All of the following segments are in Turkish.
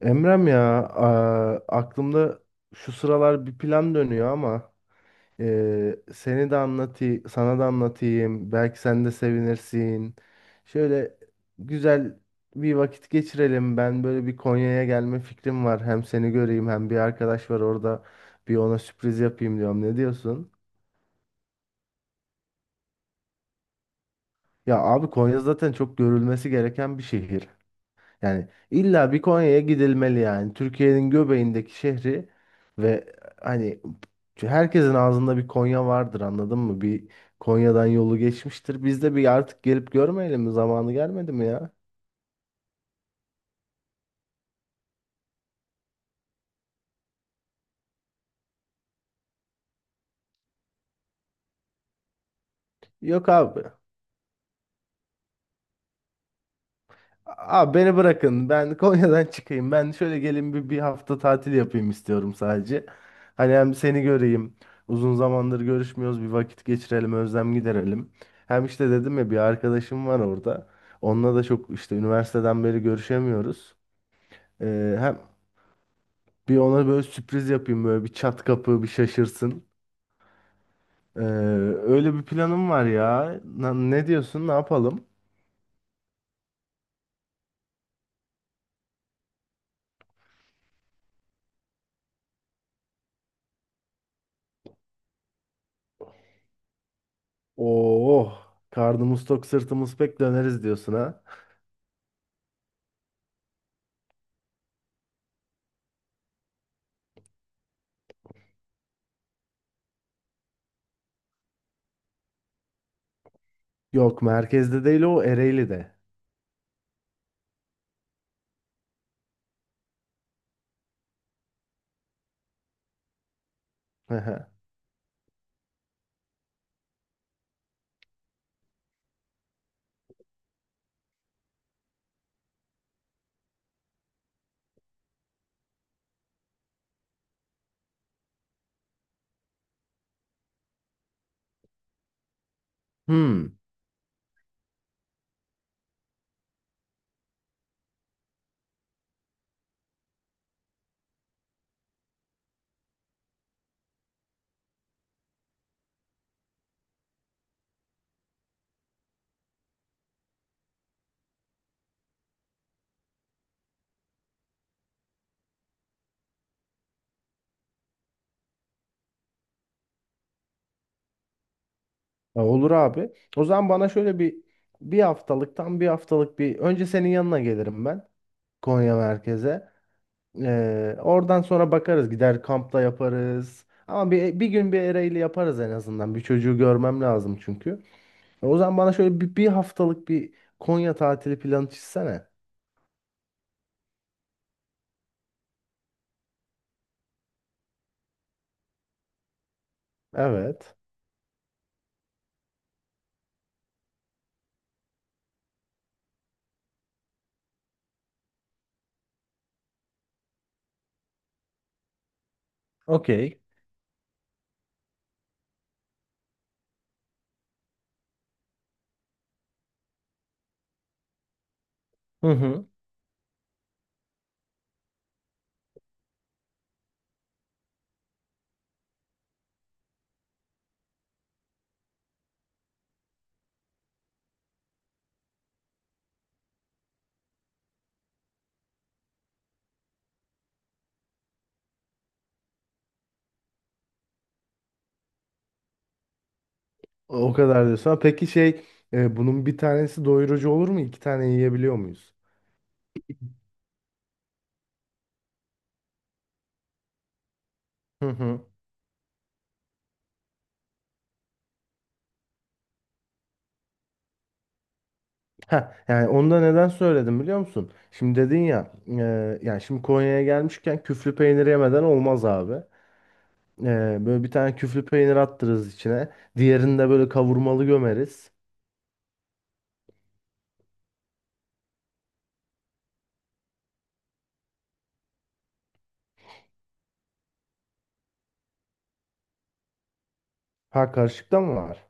Emrem ya, aklımda şu sıralar bir plan dönüyor ama seni de anlatayım, sana da anlatayım. Belki sen de sevinirsin. Şöyle güzel bir vakit geçirelim. Ben böyle bir Konya'ya gelme fikrim var. Hem seni göreyim hem bir arkadaş var orada. Bir ona sürpriz yapayım diyorum. Ne diyorsun? Ya abi, Konya zaten çok görülmesi gereken bir şehir. Yani illa bir Konya'ya gidilmeli yani. Türkiye'nin göbeğindeki şehri ve hani herkesin ağzında bir Konya vardır, anladın mı? Bir Konya'dan yolu geçmiştir. Biz de bir artık gelip görmeyelim mi? Zamanı gelmedi mi ya? Yok abi. Abi beni bırakın. Ben Konya'dan çıkayım. Ben şöyle gelin bir hafta tatil yapayım istiyorum sadece. Hani hem seni göreyim. Uzun zamandır görüşmüyoruz. Bir vakit geçirelim, özlem giderelim. Hem işte dedim ya bir arkadaşım var orada. Onunla da çok işte üniversiteden beri görüşemiyoruz. Hem bir ona böyle sürpriz yapayım, böyle bir çat kapı bir şaşırsın. Ee, Öyle bir planım var ya. Ne diyorsun? Ne yapalım? Oo, karnımız tok, sırtımız pek döneriz diyorsun ha. Yok, merkezde değil o, Ereğli'de. Hı. Hmm. Olur abi. O zaman bana şöyle bir bir haftalık, tam bir haftalık, bir önce senin yanına gelirim ben, Konya merkeze. Oradan sonra bakarız, gider kampta yaparız. Ama bir gün bir Ereğli yaparız en azından. Bir çocuğu görmem lazım çünkü. O zaman bana şöyle bir haftalık bir Konya tatili planı çizsene. Evet. Okey. Hı hı. O kadar diyorsun. Peki şey, bunun bir tanesi doyurucu olur mu? İki tane yiyebiliyor muyuz? Hı hı. Ha, yani onu da neden söyledim biliyor musun? Şimdi dedin ya, yani şimdi Konya'ya gelmişken küflü peynir yemeden olmaz abi. Böyle bir tane küflü peynir attırırız içine. Diğerini de böyle kavurmalı gömeriz. Ha, karışıkta mı var?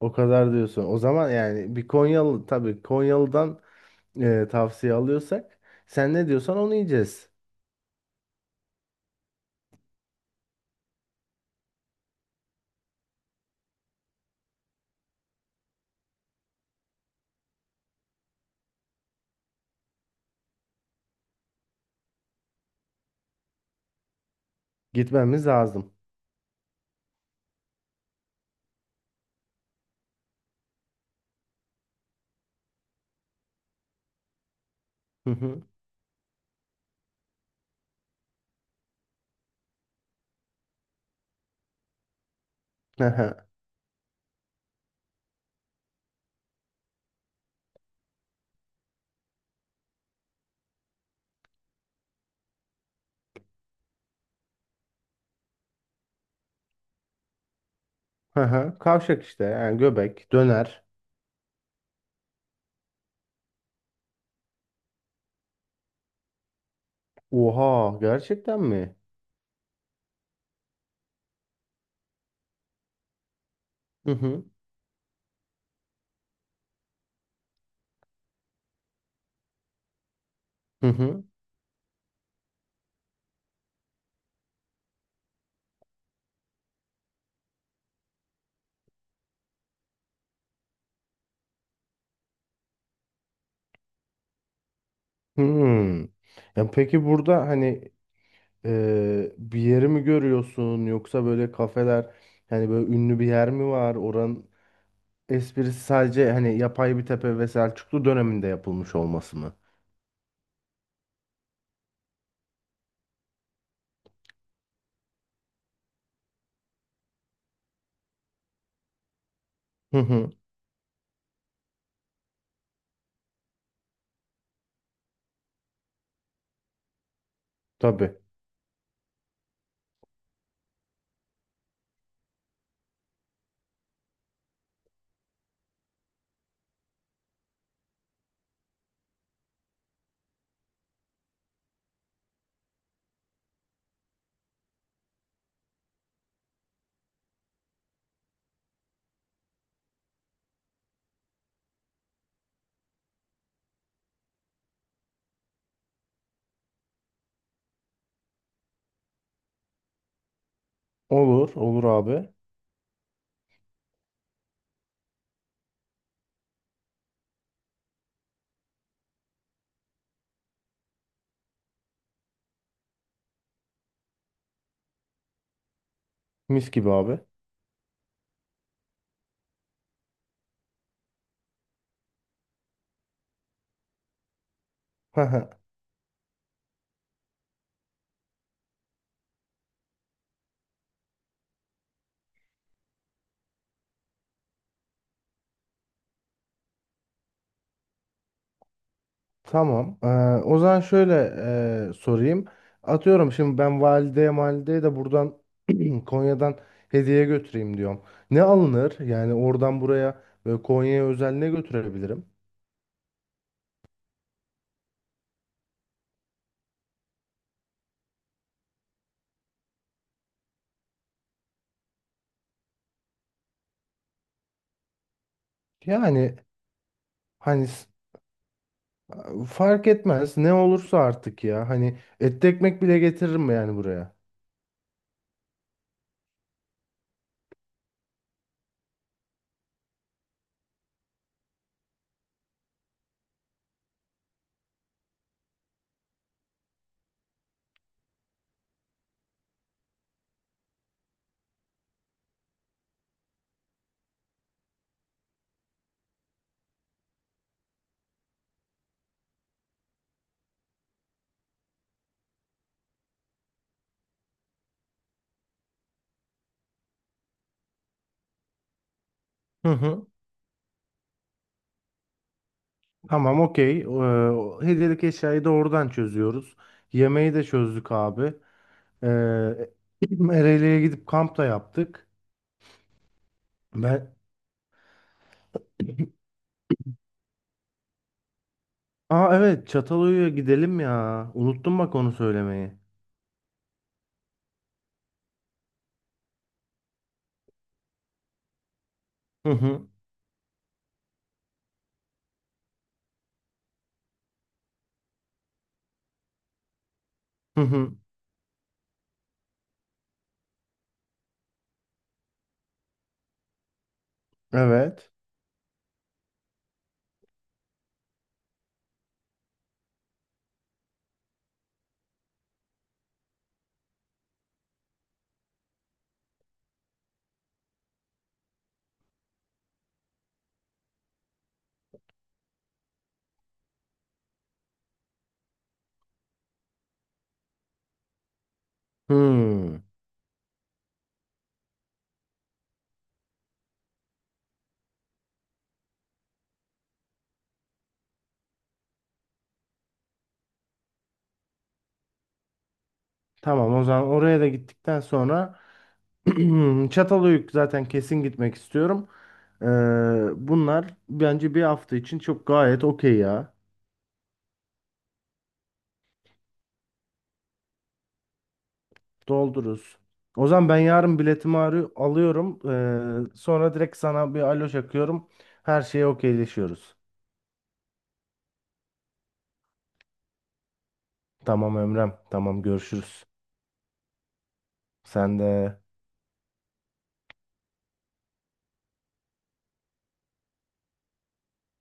O kadar diyorsun. O zaman yani bir Konyalı, tabii Konyalı'dan tavsiye alıyorsak, sen ne diyorsan onu yiyeceğiz. Gitmemiz lazım. Hı hı. Hı hı. Kavşak işte yani, göbek, döner. Oha, gerçekten mi? Hı hı. Hı hı. Hmm. Ya peki burada hani, bir yeri mi görüyorsun yoksa böyle kafeler, hani böyle ünlü bir yer mi var? Oranın esprisi sadece hani yapay bir tepe ve Selçuklu döneminde yapılmış olması mı? Hı hı. Tabii. Olur, olur abi. Mis gibi abi. Hı hı. Tamam. O zaman şöyle sorayım. Atıyorum şimdi ben valideye malideye de buradan Konya'dan hediye götüreyim diyorum. Ne alınır? Yani oradan buraya ve Konya'ya özel ne götürebilirim? Yani hani fark etmez ne olursa artık ya. Hani etli ekmek bile getiririm yani buraya. Hı hı. Tamam okey. O hediyelik eşyayı da oradan çözüyoruz. Yemeği de çözdük abi. Ee, Ereğli'ye gidip kamp da yaptık. Ben Aa, evet, Çatalhöyük'e gidelim ya. Unuttum bak onu söylemeyi. Hı hı. Hı hı. Evet. Hmm. Tamam, o zaman oraya da gittikten sonra Çatalhöyük zaten kesin gitmek istiyorum. Ee, Bunlar bence bir hafta için çok gayet okey ya. Doldururuz. O zaman ben yarın biletimi alıyorum. Sonra direkt sana bir alo çakıyorum. Her şeye okeyleşiyoruz. Tamam Emrem. Tamam, görüşürüz. Sen de.